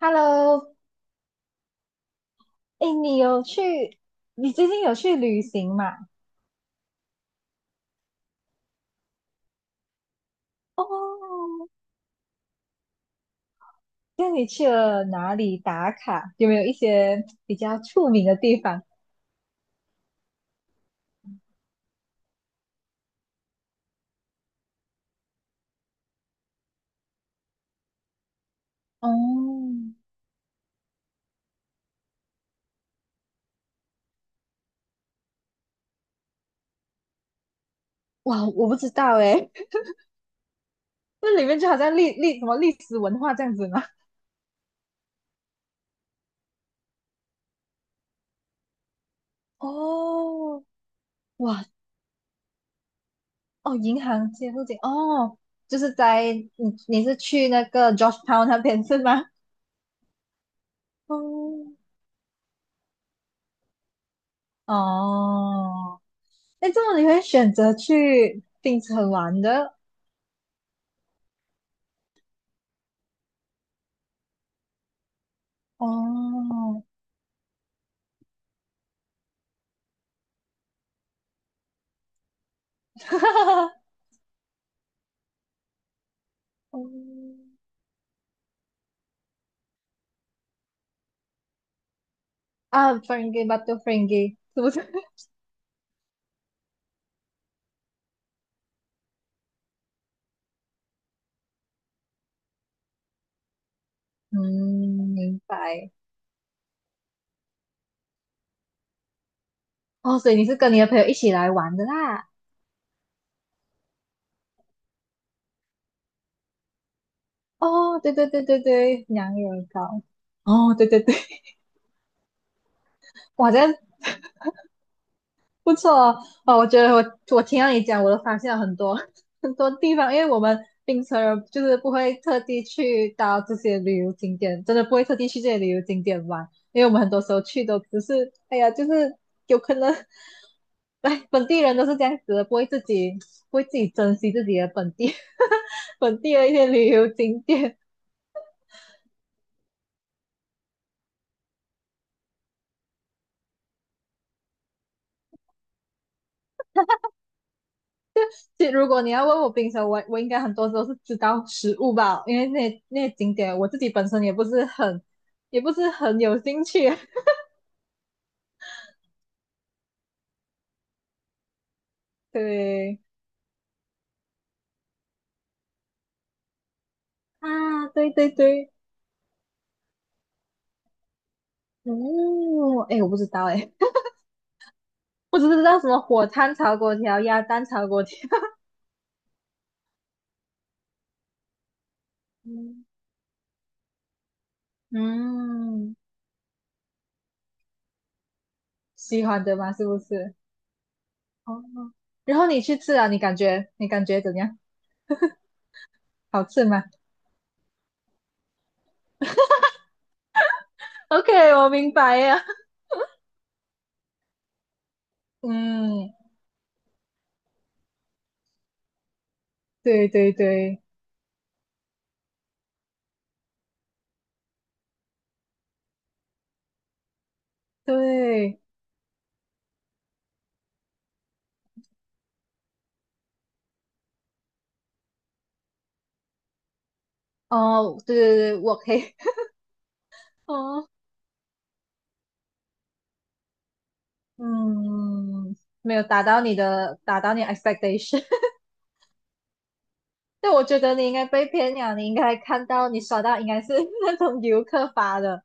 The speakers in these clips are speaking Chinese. Hello，哎，你有去？你最近有去旅行吗？哦，那你去了哪里打卡？有没有一些比较出名的地方？哦，哇，我不知道哎，那里面就好像历历什么历史文化这样子吗？哦，哇，哦，银行街附近，哦，就是你是去那个 j o s h e t o w n 那边是吗？哦，哦，那这么你会选择去槟城玩的？哦，嗯啊，friendgay but to friendgay 是不是？嗯，明白。哦，所以你是跟你的朋友一起来玩的啦。哦，对对对对对，娘惹糕。哦，对对对，哇，这样不错哦。哦，我觉得我听到你讲，我都发现了很多 很多地方，因为我们槟城人就是不会特地去到这些旅游景点，真的不会特地去这些旅游景点玩，因为我们很多时候去都只是，哎呀，就是有可能来本地人都是这样子的，不会自己珍惜自己的本地 本地的一些旅游景点。其实如果你要问我冰城，我应该很多时候是知道食物吧，因为那些景点我自己本身也不是很有兴趣。对啊，对对对，哦，哎，我不知道哎，我只知道什么火炭炒粿条、鸭蛋炒粿条。嗯嗯喜欢的嘛，是不是？哦，然后你去吃啊，你感觉怎样？好吃吗？OK，我明白呀。嗯，对对对对，哦，对对对，我可以。哦，嗯，没有达到你的，达到你 expectation。但我觉得你应该被骗了，你应该看到你刷到应该是 那种游客发的，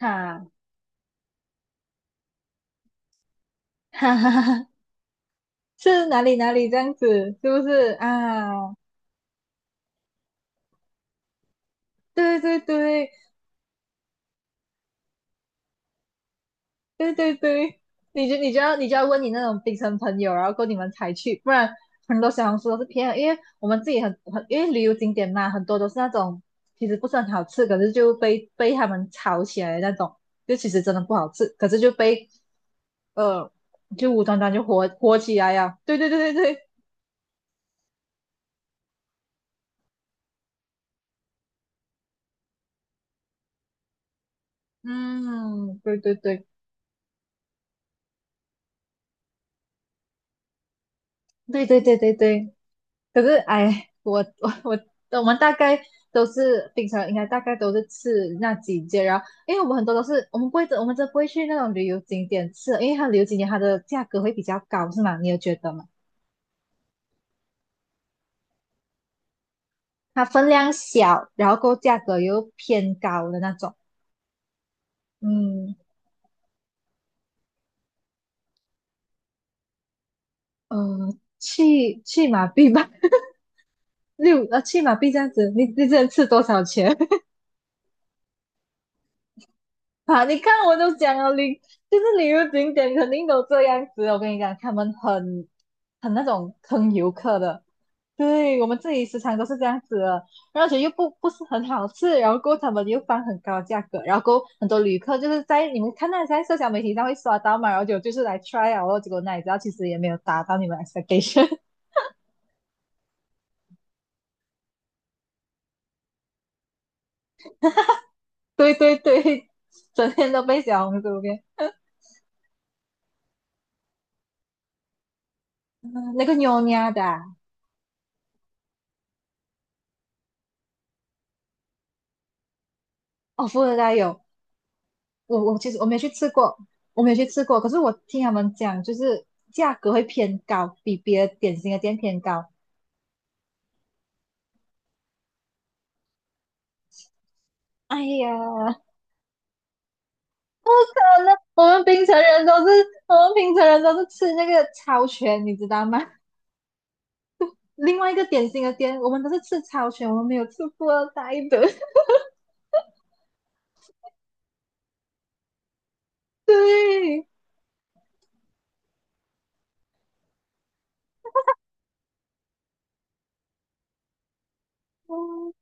哈哈哈哈，是哪里哪里这样子，是不是啊？对对对，对对对，你就要问你那种槟城朋友，然后够你们才去，不然很多小红书都是骗的因为我们自己很因为旅游景点嘛，很多都是那种其实不是很好吃，可是就被他们炒起来的那种，就其实真的不好吃，可是呃就无端端就火起来呀，对对对对对，嗯，对对对对对对对对对。可是哎，我 我们大概都是平常应该大概都是吃那几件，然后因为我们很多都是我们不会，我们真的不会去那种旅游景点吃，因为它旅游景点它的价格会比较高，是吗？你有觉得吗？它分量小，然后够价格又偏高的那种，嗯去马币吧，去马币这样子，你只能吃多少钱？啊，你看我都讲了，就是旅游景点肯定都这样子。我跟你讲，他们很那种坑游客的，对我们自己时常都是这样子的，而且又不是很好吃，然后过后他们又放很高的价格，然后过后很多旅客就是在你们看到在社交媒体上会刷到嘛，然后就是来 try 啊，然后结果哪里知道其实也 没有达到你们 expectation。对对对，整天都被小红书给嗯那个妞 n h 的啊哦，富二代有我其实我没去吃过，我没有去吃过，可是我听他们讲，就是价格会偏高，比别的点心的店偏高。哎呀，那我们槟城人都是，我们槟城人都是吃那个超全，你知道吗？另外一个点心的店，我们都是吃超全，我们没有吃过二代的。对，嗯，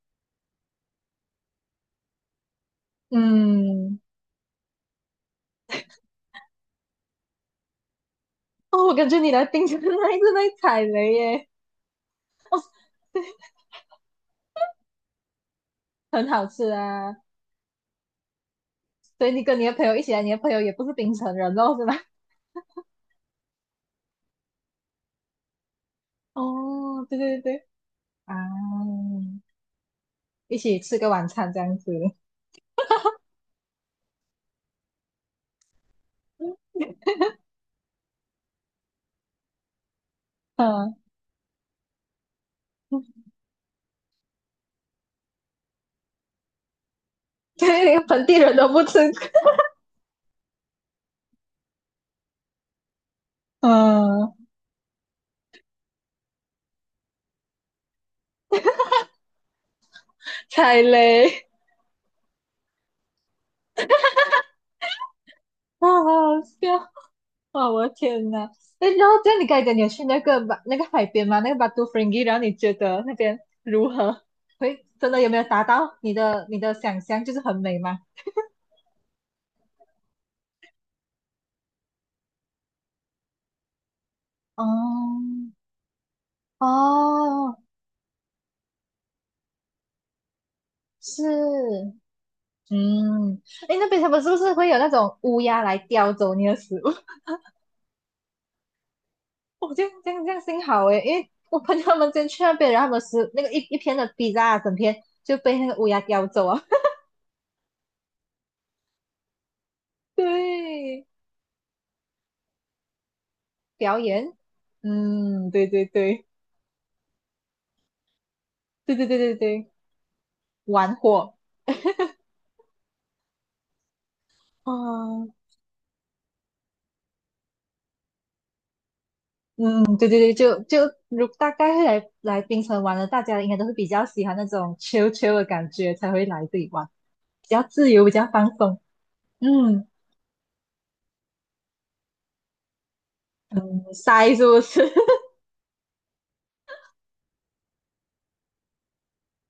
嗯哦，我感觉你来槟城那一次被踩雷耶，很好吃啊。所以你跟你的朋友一起来，你的朋友也不是槟城人哦，是吧？哦，对对对。啊，一起吃个晚餐这样子。嗯，对，连本地人都不吃 嗯，踩雷，啊，好好笑，啊！我的天呐！哎，然后这样你刚才讲你有去那个巴那个海边吗？那个巴都弗 n g 然后你觉得那边如何？会真的有没有达到你的想象？就是很美吗？哦哦，是，嗯，哎，那边他们是不是会有那种乌鸦来叼走你的食物？哦，这样这样这样幸好诶，因为我朋友他们先去那边，然后他们是那个一片的 p i z 整片就被那个乌鸦叼走啊。对，表演，嗯，对对对对对对对对，玩火，嗯嗯，对对对，就如大概会来槟城玩的，大家应该都是比较喜欢那种 chill chill 的感觉，才会来这里玩，比较自由，比较放松。嗯嗯，塞是不是？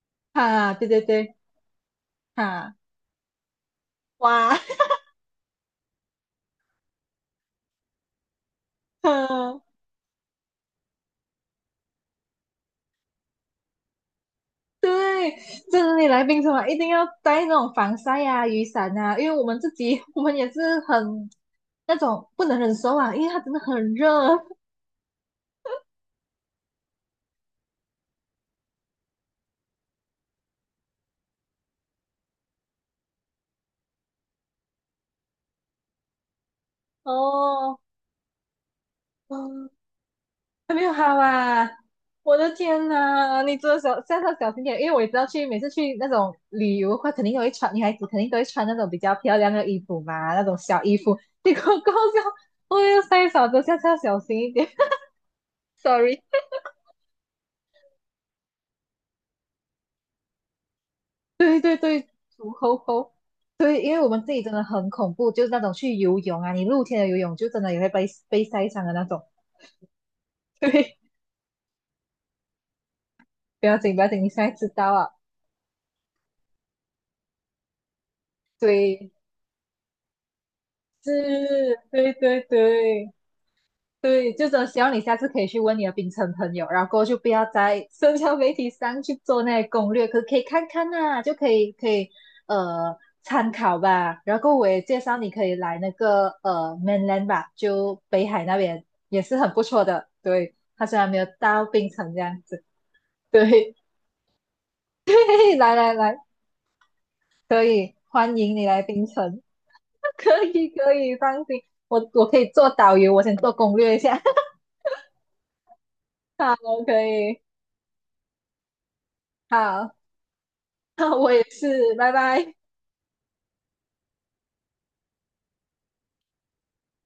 哈、对对对，哈、哇，对，这里来槟城啊一定要带那种防晒啊、雨伞啊，因为我们自己 我们也是很那种不能忍受啊，因为它真的很热哦。嗯，还没有好啊！我的天呐，你真的下次要小心点，因为我也知道每次去那种旅游的话，肯定都会穿女孩子肯定都会穿那种比较漂亮的衣服嘛，那种小衣服。结果搞笑，我又塞少着，下次要小心一点。对对对，煮猴猴。对，因为我们自己真的很恐怖，就是那种去游泳啊，你露天的游泳就真的也会被晒伤的那种。对，不要紧不要紧，你现在知道啊。对，是，对对对。对，就是希望你下次可以去问你的冰城朋友，然后过后就不要在社交媒体上去做那些攻略，可以看看啊，就可以呃参考吧。然后我也介绍你可以来那个mainland 吧，就北海那边也是很不错的。对，他虽然没有到冰城这样子，对 对，来来来，可以欢迎你来冰城，可以可以，放心，我可以做导游，我先做攻略一下，好，可以好。我也是，拜拜。